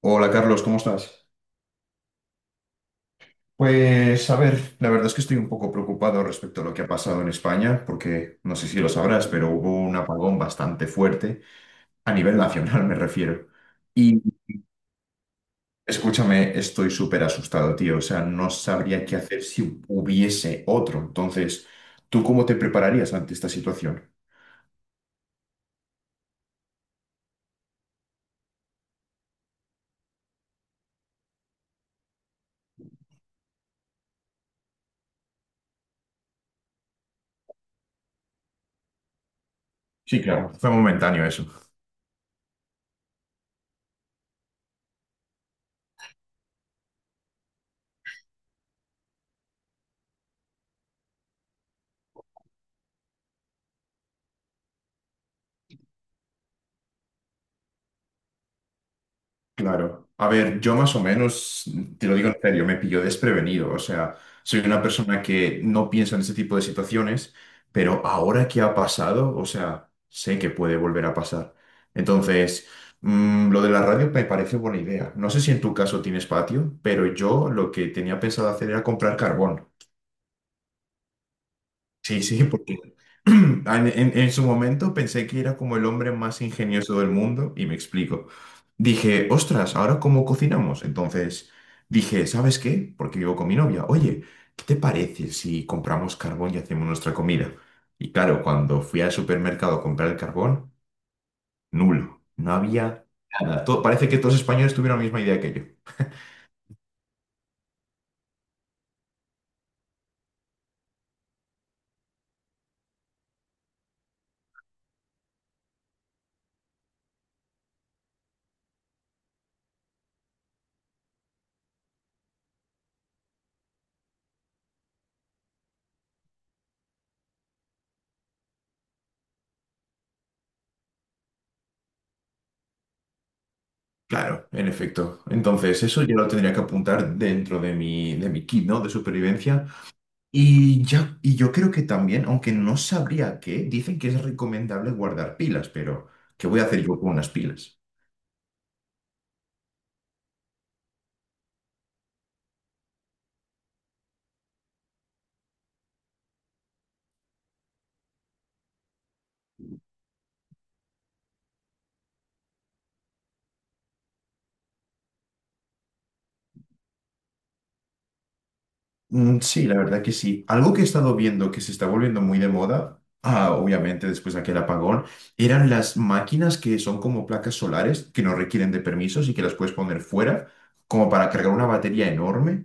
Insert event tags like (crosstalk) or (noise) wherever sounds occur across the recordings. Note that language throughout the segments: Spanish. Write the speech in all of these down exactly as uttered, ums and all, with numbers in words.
Hola Carlos, ¿cómo estás? Pues a ver, la verdad es que estoy un poco preocupado respecto a lo que ha pasado en España, porque no sé si lo sabrás, pero hubo un apagón bastante fuerte, a nivel nacional (laughs) me refiero. Y escúchame, estoy súper asustado, tío, o sea, no sabría qué hacer si hubiese otro. Entonces, ¿tú cómo te prepararías ante esta situación? Sí, claro, fue momentáneo eso. Claro. A ver, yo más o menos, te lo digo en serio, me pilló desprevenido. O sea, soy una persona que no piensa en ese tipo de situaciones, pero ahora que ha pasado, o sea, sé que puede volver a pasar. Entonces, mm, lo de la radio me parece buena idea. No sé si en tu caso tienes patio, pero yo lo que tenía pensado hacer era comprar carbón. Sí, sí, (laughs) porque (clears throat) en, en- en su momento pensé que era como el hombre más ingenioso del mundo y me explico. Dije, ostras, ¿ahora cómo cocinamos? Entonces dije, ¿sabes qué? Porque vivo con mi novia. Oye, ¿qué te parece si compramos carbón y hacemos nuestra comida? Y claro, cuando fui al supermercado a comprar el carbón, nulo. No había nada. To- parece que todos los españoles tuvieron la misma idea que yo. Claro, en efecto. Entonces, eso yo lo tendría que apuntar dentro de mi, de mi kit, ¿no? De supervivencia. Y, ya, y yo creo que también, aunque no sabría qué, dicen que es recomendable guardar pilas, pero ¿qué voy a hacer yo con unas pilas? Mm, sí, la verdad que sí. Algo que he estado viendo que se está volviendo muy de moda, ah, obviamente después de aquel apagón, eran las máquinas que son como placas solares que no requieren de permisos y que las puedes poner fuera como para cargar una batería enorme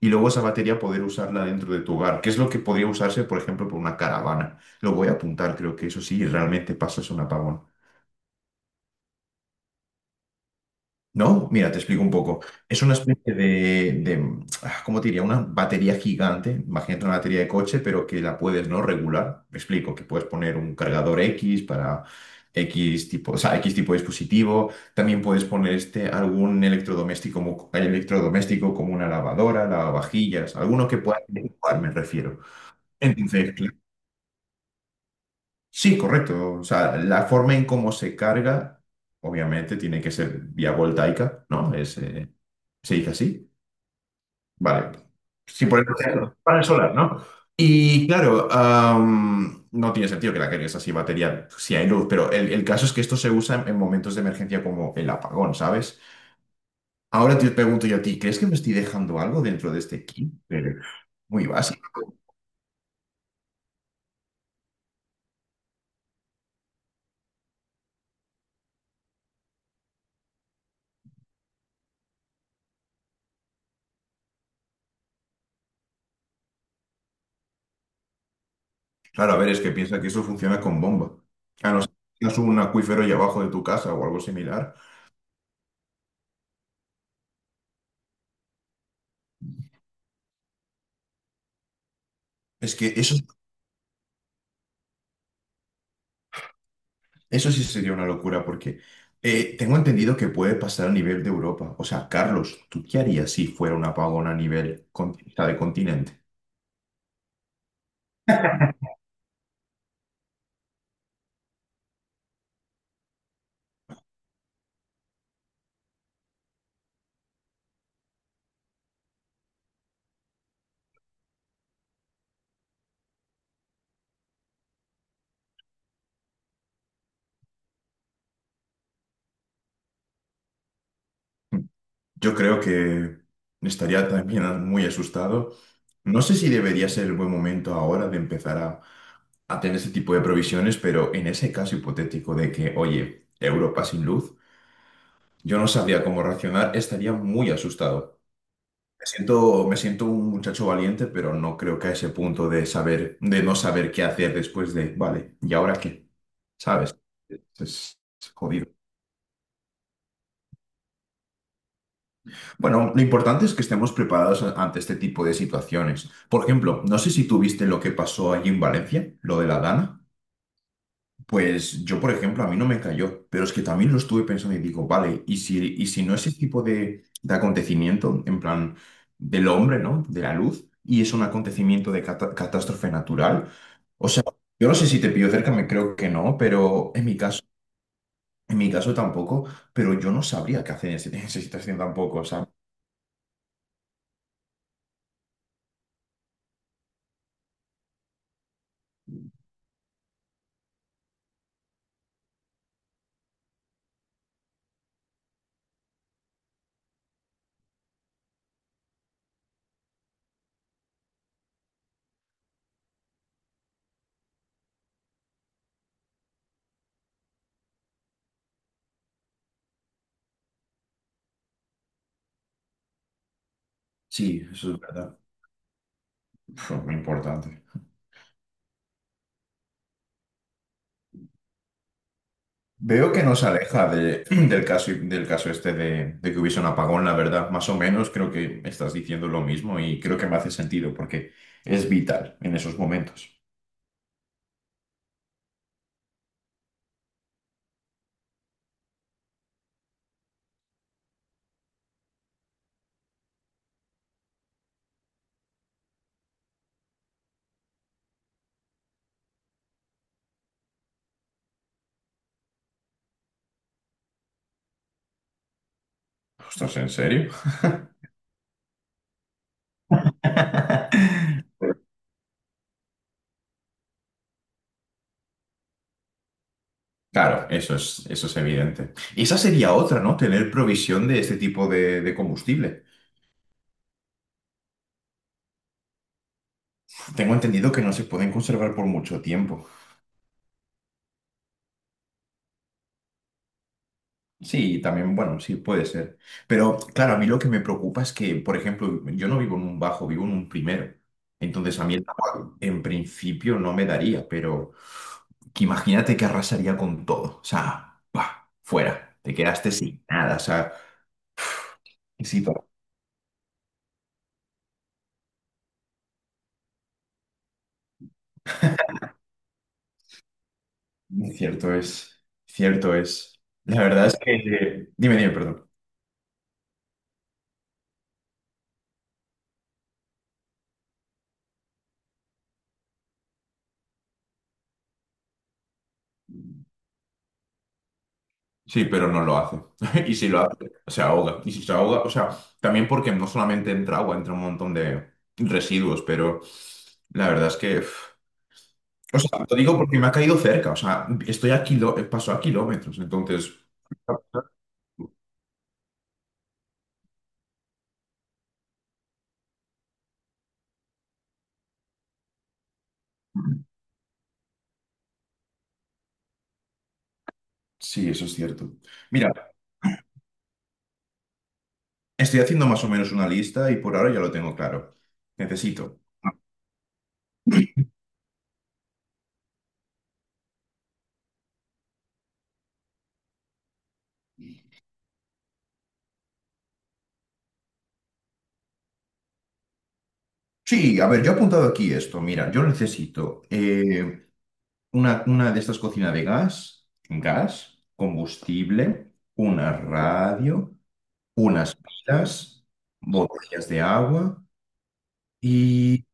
y luego esa batería poder usarla dentro de tu hogar, que es lo que podría usarse, por ejemplo, por una caravana. Lo voy a apuntar, creo que eso sí, realmente pasa es un apagón. ¿No? Mira, te explico un poco. Es una especie de, de, ah, ¿cómo te diría? Una batería gigante. Imagínate una batería de coche, pero que la puedes no regular. Me explico, que puedes poner un cargador X para X tipo, o sea, X tipo de dispositivo. También puedes poner este, algún electrodoméstico, como- electrodoméstico como una lavadora, lavavajillas, alguno que pueda interactuar, me refiero. Entonces, sí, correcto. O sea, la forma en cómo se carga, obviamente, tiene que ser vía voltaica, ¿no? Es, eh, se dice así. Vale. Sí, por el panel solar, ¿no? Y claro, am, no tiene sentido que la cargues así batería si hay luz, pero el, el caso es que esto se usa en, en momentos de emergencia como el apagón, ¿sabes? Ahora te pregunto yo a ti, ¿crees que me estoy dejando algo dentro de este kit? Eh, Muy básico. Claro, a ver, es que piensa que eso funciona con bomba. A no ser que tengas un acuífero ahí abajo de tu casa o algo similar. Es que eso, eso sí sería una locura porque eh, tengo entendido que puede pasar a nivel de Europa. O sea, Carlos, ¿tú qué harías si fuera un apagón a nivel con- o sea, de continente? Yo creo que estaría también muy asustado. No sé si debería ser el buen momento ahora de empezar a, a tener ese tipo de provisiones, pero en ese caso hipotético de que, oye, Europa sin luz. Yo no sabía cómo reaccionar, estaría muy asustado. Me siento, me siento un muchacho valiente, pero no creo que a ese punto de saber, de no saber qué hacer después de, vale, ¿y ahora qué? ¿Sabes? Es es jodido. Bueno, lo importante es que estemos preparados a- ante este tipo de situaciones. Por ejemplo, no sé si tú viste lo que pasó allí en Valencia, lo de la Dana. Pues yo, por ejemplo, a mí no me cayó, pero es que también lo estuve pensando y digo, vale, y si, y si no ese tipo de, de acontecimiento, en plan, del hombre, ¿no? De la luz, y es un acontecimiento de cata- catástrofe natural, o sea, yo no sé si te pillo cerca, me creo que no, pero en mi caso, en mi caso tampoco, pero yo no sabría qué hacer en ese- (laughs) en esa situación tampoco, o sea, sí, eso es verdad. (laughs) Uf, muy importante. Veo que nos aleja de- (clears throat) del caso, del caso este de, de que hubiese un apagón, la verdad. Más o menos creo que estás diciendo lo mismo y creo que me hace sentido porque es vital en esos momentos. Ostras, ¿en serio? (laughs) Claro, eso es, eso es evidente. Y esa sería otra, ¿no? Tener provisión de este tipo de, de combustible. Tengo entendido que no se pueden conservar por mucho tiempo. Sí, también, bueno, sí, puede ser. Pero claro, a mí lo que me preocupa es que, por ejemplo, yo no vivo en un bajo, vivo en un primero. Entonces a mí el agua en principio no me daría, pero que imagínate que arrasaría con todo. O sea, ¡pah! Fuera, te quedaste sin nada. O sea, sí, to- cierto es, cierto es. La verdad es que... Dime, dime, perdón. Sí, pero no lo hace. (laughs) Y si lo hace, se ahoga. Y si se ahoga, o sea, también porque no solamente entra agua, entra un montón de residuos, pero la verdad es que... uf. O sea, lo digo porque me ha caído cerca, o sea, estoy a kilo, paso a kilómetros, entonces... Sí, eso es cierto. Mira, estoy haciendo más o menos una lista y por ahora ya lo tengo claro. Necesito. Sí, a ver, yo he apuntado aquí esto. Mira, yo necesito eh, una, una de estas cocinas de gas, gas, combustible, una radio, unas pilas, botellas de agua y,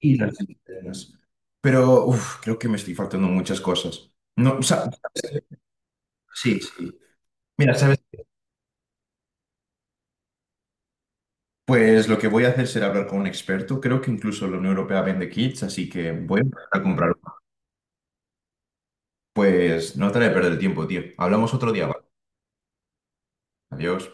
y las linternas. Pero uf, creo que me estoy faltando muchas cosas. No, o sea, sí, sí. Mira, ¿sabes? Pues lo que voy a hacer será hablar con un experto. Creo que incluso la Unión Europea vende kits, así que voy a empezar a comprar uno. Pues no te haré perder el tiempo, tío. Hablamos otro día, ¿vale? Adiós.